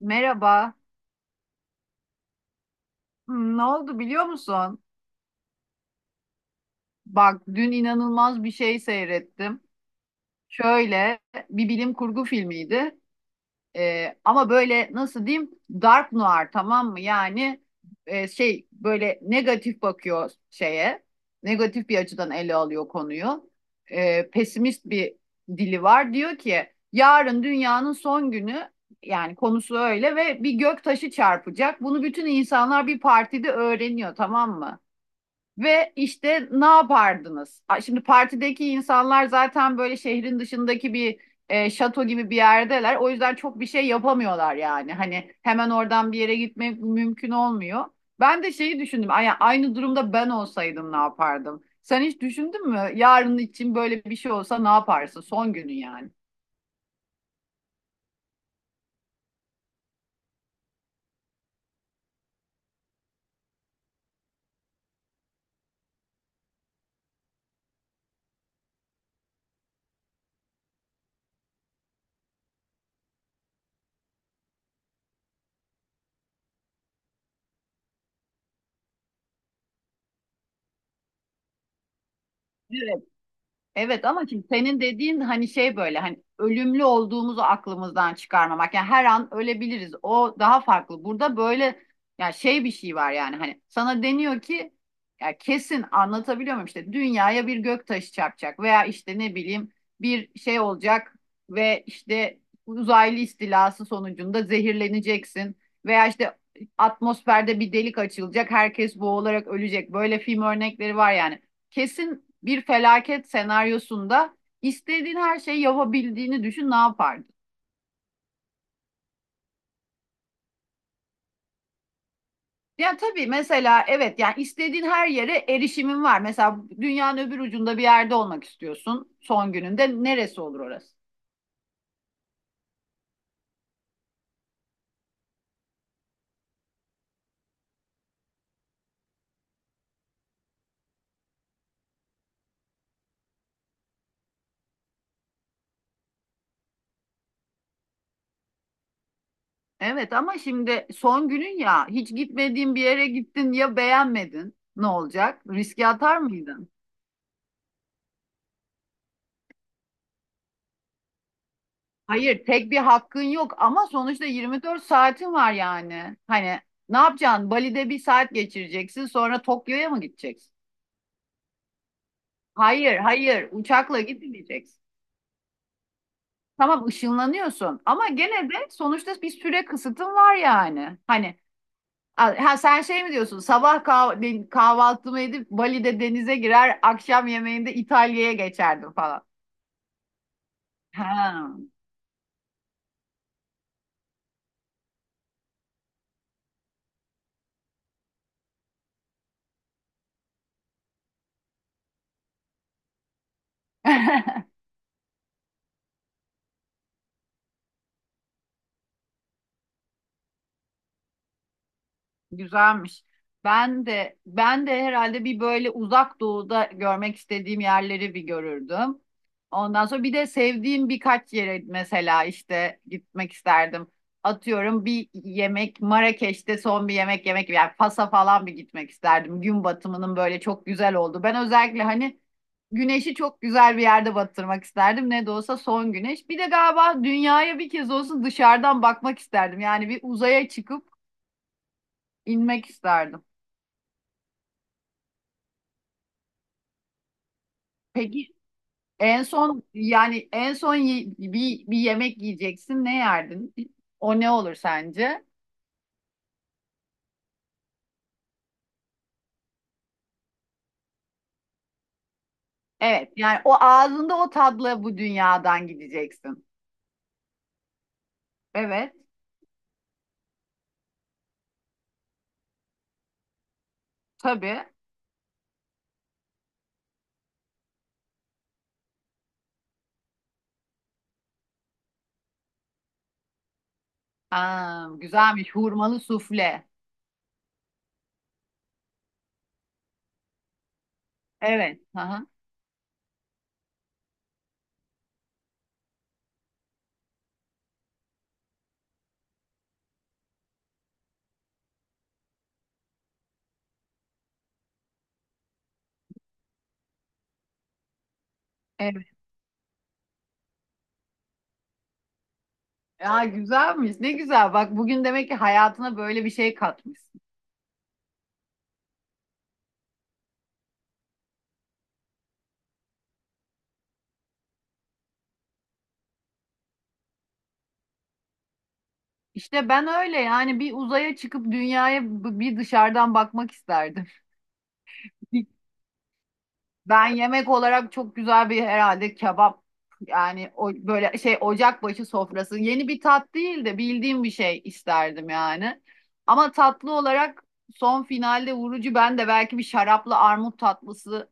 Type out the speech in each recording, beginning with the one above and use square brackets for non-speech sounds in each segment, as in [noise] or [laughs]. Merhaba. Ne oldu biliyor musun? Bak dün inanılmaz bir şey seyrettim. Şöyle bir bilim kurgu filmiydi. Ama böyle nasıl diyeyim? Dark noir, tamam mı? Yani şey, böyle negatif bakıyor şeye. Negatif bir açıdan ele alıyor konuyu. Pesimist bir dili var. Diyor ki yarın dünyanın son günü, yani konusu öyle ve bir gök taşı çarpacak. Bunu bütün insanlar bir partide öğreniyor, tamam mı? Ve işte ne yapardınız? Şimdi partideki insanlar zaten böyle şehrin dışındaki bir şato gibi bir yerdeler. O yüzden çok bir şey yapamıyorlar yani. Hani hemen oradan bir yere gitmek mümkün olmuyor. Ben de şeyi düşündüm. Aynı durumda ben olsaydım ne yapardım? Sen hiç düşündün mü? Yarın için böyle bir şey olsa ne yaparsın? Son günün yani. Evet. Evet ama şimdi senin dediğin hani şey, böyle hani ölümlü olduğumuzu aklımızdan çıkarmamak. Yani her an ölebiliriz. O daha farklı. Burada böyle yani şey, bir şey var yani hani sana deniyor ki, ya kesin anlatabiliyor muyum, işte dünyaya bir gök taşı çarpacak veya işte ne bileyim bir şey olacak ve işte uzaylı istilası sonucunda zehirleneceksin veya işte atmosferde bir delik açılacak, herkes boğularak ölecek. Böyle film örnekleri var yani, kesin bir felaket senaryosunda istediğin her şeyi yapabildiğini düşün, ne yapardın? Ya tabii mesela evet, yani istediğin her yere erişimin var. Mesela dünyanın öbür ucunda bir yerde olmak istiyorsun, son gününde neresi olur orası? Evet ama şimdi son günün, ya hiç gitmediğin bir yere gittin ya beğenmedin, ne olacak? Riske atar mıydın? Hayır, tek bir hakkın yok ama sonuçta 24 saatin var yani. Hani ne yapacaksın? Bali'de bir saat geçireceksin, sonra Tokyo'ya mı gideceksin? Hayır, hayır. Uçakla gitmeyeceksin. Tamam, ışınlanıyorsun ama gene de sonuçta bir süre kısıtın var yani. Hani ha, sen şey mi diyorsun? Sabah kahvaltımı edip Bali'de denize girer, akşam yemeğinde İtalya'ya geçerdim falan. Ha. [laughs] Güzelmiş. Ben de herhalde bir böyle uzak doğuda görmek istediğim yerleri bir görürdüm. Ondan sonra bir de sevdiğim birkaç yere mesela işte gitmek isterdim. Atıyorum bir yemek Marrakeş'te, son bir yemek yemek, yani Fas'a falan bir gitmek isterdim. Gün batımının böyle çok güzel oldu. Ben özellikle hani güneşi çok güzel bir yerde batırmak isterdim. Ne de olsa son güneş. Bir de galiba dünyaya bir kez olsun dışarıdan bakmak isterdim. Yani bir uzaya çıkıp inmek isterdim. Peki en son, yani en son bir, bir yemek yiyeceksin ne yerdin? O ne olur sence? Evet yani o ağzında o tadla bu dünyadan gideceksin. Evet, tabii. Aa, güzelmiş hurmalı sufle. Evet. Aha, evet. Ya güzelmiş, ne güzel, bak bugün demek ki hayatına böyle bir şey katmışsın. İşte ben öyle, yani bir uzaya çıkıp dünyaya bir dışarıdan bakmak isterdim. [laughs] Ben yemek olarak çok güzel bir herhalde kebap, yani o böyle şey ocakbaşı sofrası, yeni bir tat değil de bildiğim bir şey isterdim yani. Ama tatlı olarak son finalde vurucu, ben de belki bir şaraplı armut tatlısı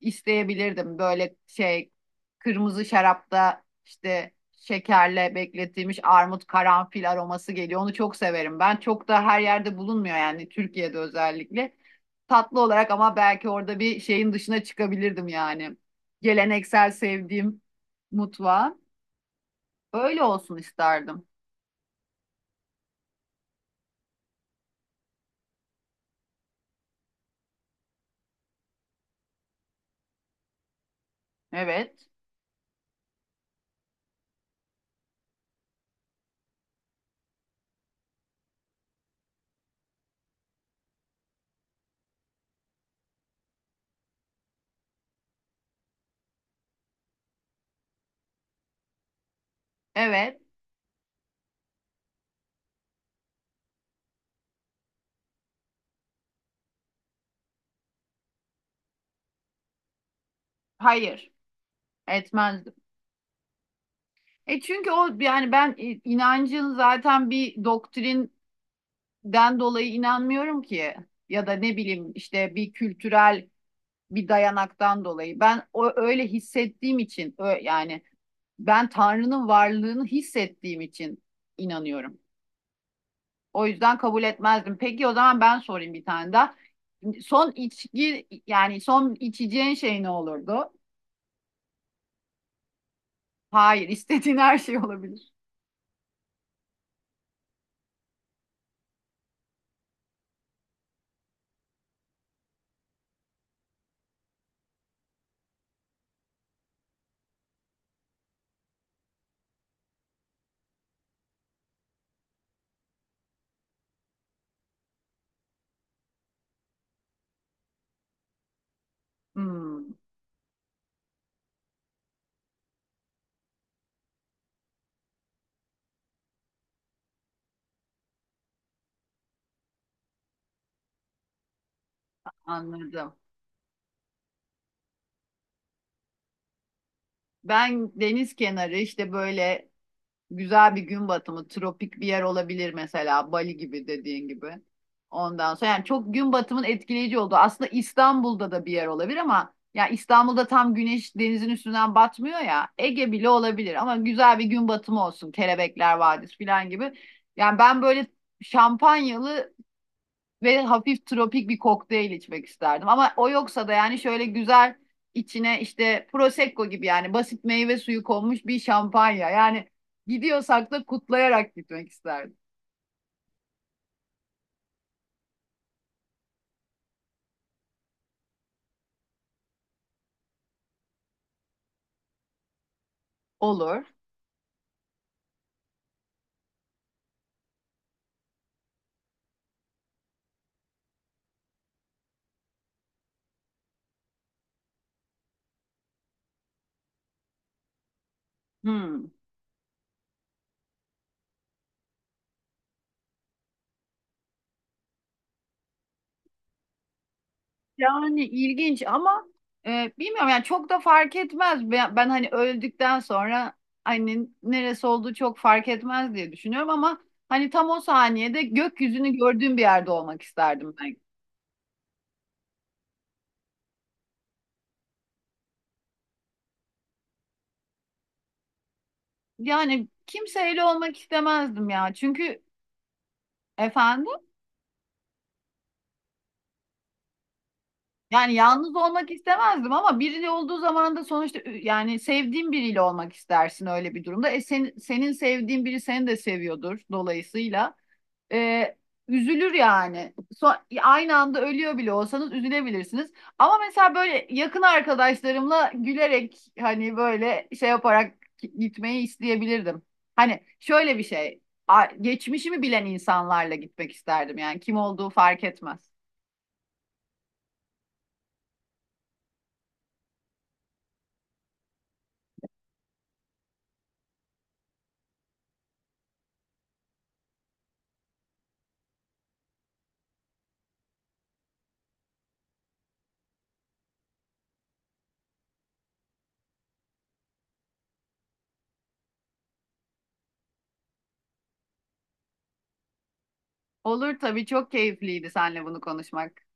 isteyebilirdim. Böyle şey, kırmızı şarapta işte şekerle bekletilmiş armut, karanfil aroması geliyor. Onu çok severim. Ben çok da her yerde bulunmuyor yani, Türkiye'de özellikle. Tatlı olarak ama belki orada bir şeyin dışına çıkabilirdim yani. Geleneksel sevdiğim mutfağa. Öyle olsun isterdim. Evet. Evet. Hayır. Etmezdim. E çünkü o yani ben inancın zaten bir doktrin den dolayı inanmıyorum ki, ya da ne bileyim işte bir kültürel bir dayanaktan dolayı. Ben o öyle hissettiğim için, yani ben Tanrı'nın varlığını hissettiğim için inanıyorum. O yüzden kabul etmezdim. Peki o zaman ben sorayım bir tane daha. Son içki, yani son içeceğin şey ne olurdu? Hayır, istediğin her şey olabilir. Hmm, anladım. Ben deniz kenarı, işte böyle güzel bir gün batımı, tropik bir yer olabilir mesela Bali gibi, dediğin gibi. Ondan sonra yani çok gün batımının etkileyici olduğu. Aslında İstanbul'da da bir yer olabilir ama ya İstanbul'da tam güneş denizin üstünden batmıyor ya. Ege bile olabilir ama güzel bir gün batımı olsun. Kelebekler Vadisi falan gibi. Yani ben böyle şampanyalı ve hafif tropik bir kokteyl içmek isterdim. Ama o yoksa da yani şöyle güzel, içine işte prosecco gibi yani basit meyve suyu konmuş bir şampanya. Yani gidiyorsak da kutlayarak gitmek isterdim. Olur. Hmm. Yani ilginç ama bilmiyorum yani çok da fark etmez. Ben hani öldükten sonra hani neresi olduğu çok fark etmez diye düşünüyorum ama hani tam o saniyede gökyüzünü gördüğüm bir yerde olmak isterdim. Yani kimseyle olmak istemezdim ya. Çünkü efendim, yani yalnız olmak istemezdim ama biriyle olduğu zaman da sonuçta yani sevdiğin biriyle olmak istersin öyle bir durumda. Senin sevdiğin biri seni de seviyordur dolayısıyla. Ee, Üzülür yani. So aynı anda ölüyor bile olsanız üzülebilirsiniz. Ama mesela böyle yakın arkadaşlarımla gülerek, hani böyle şey yaparak gitmeyi isteyebilirdim. Hani şöyle bir şey. Geçmişimi bilen insanlarla gitmek isterdim yani, kim olduğu fark etmez. Olur tabii, çok keyifliydi seninle bunu konuşmak.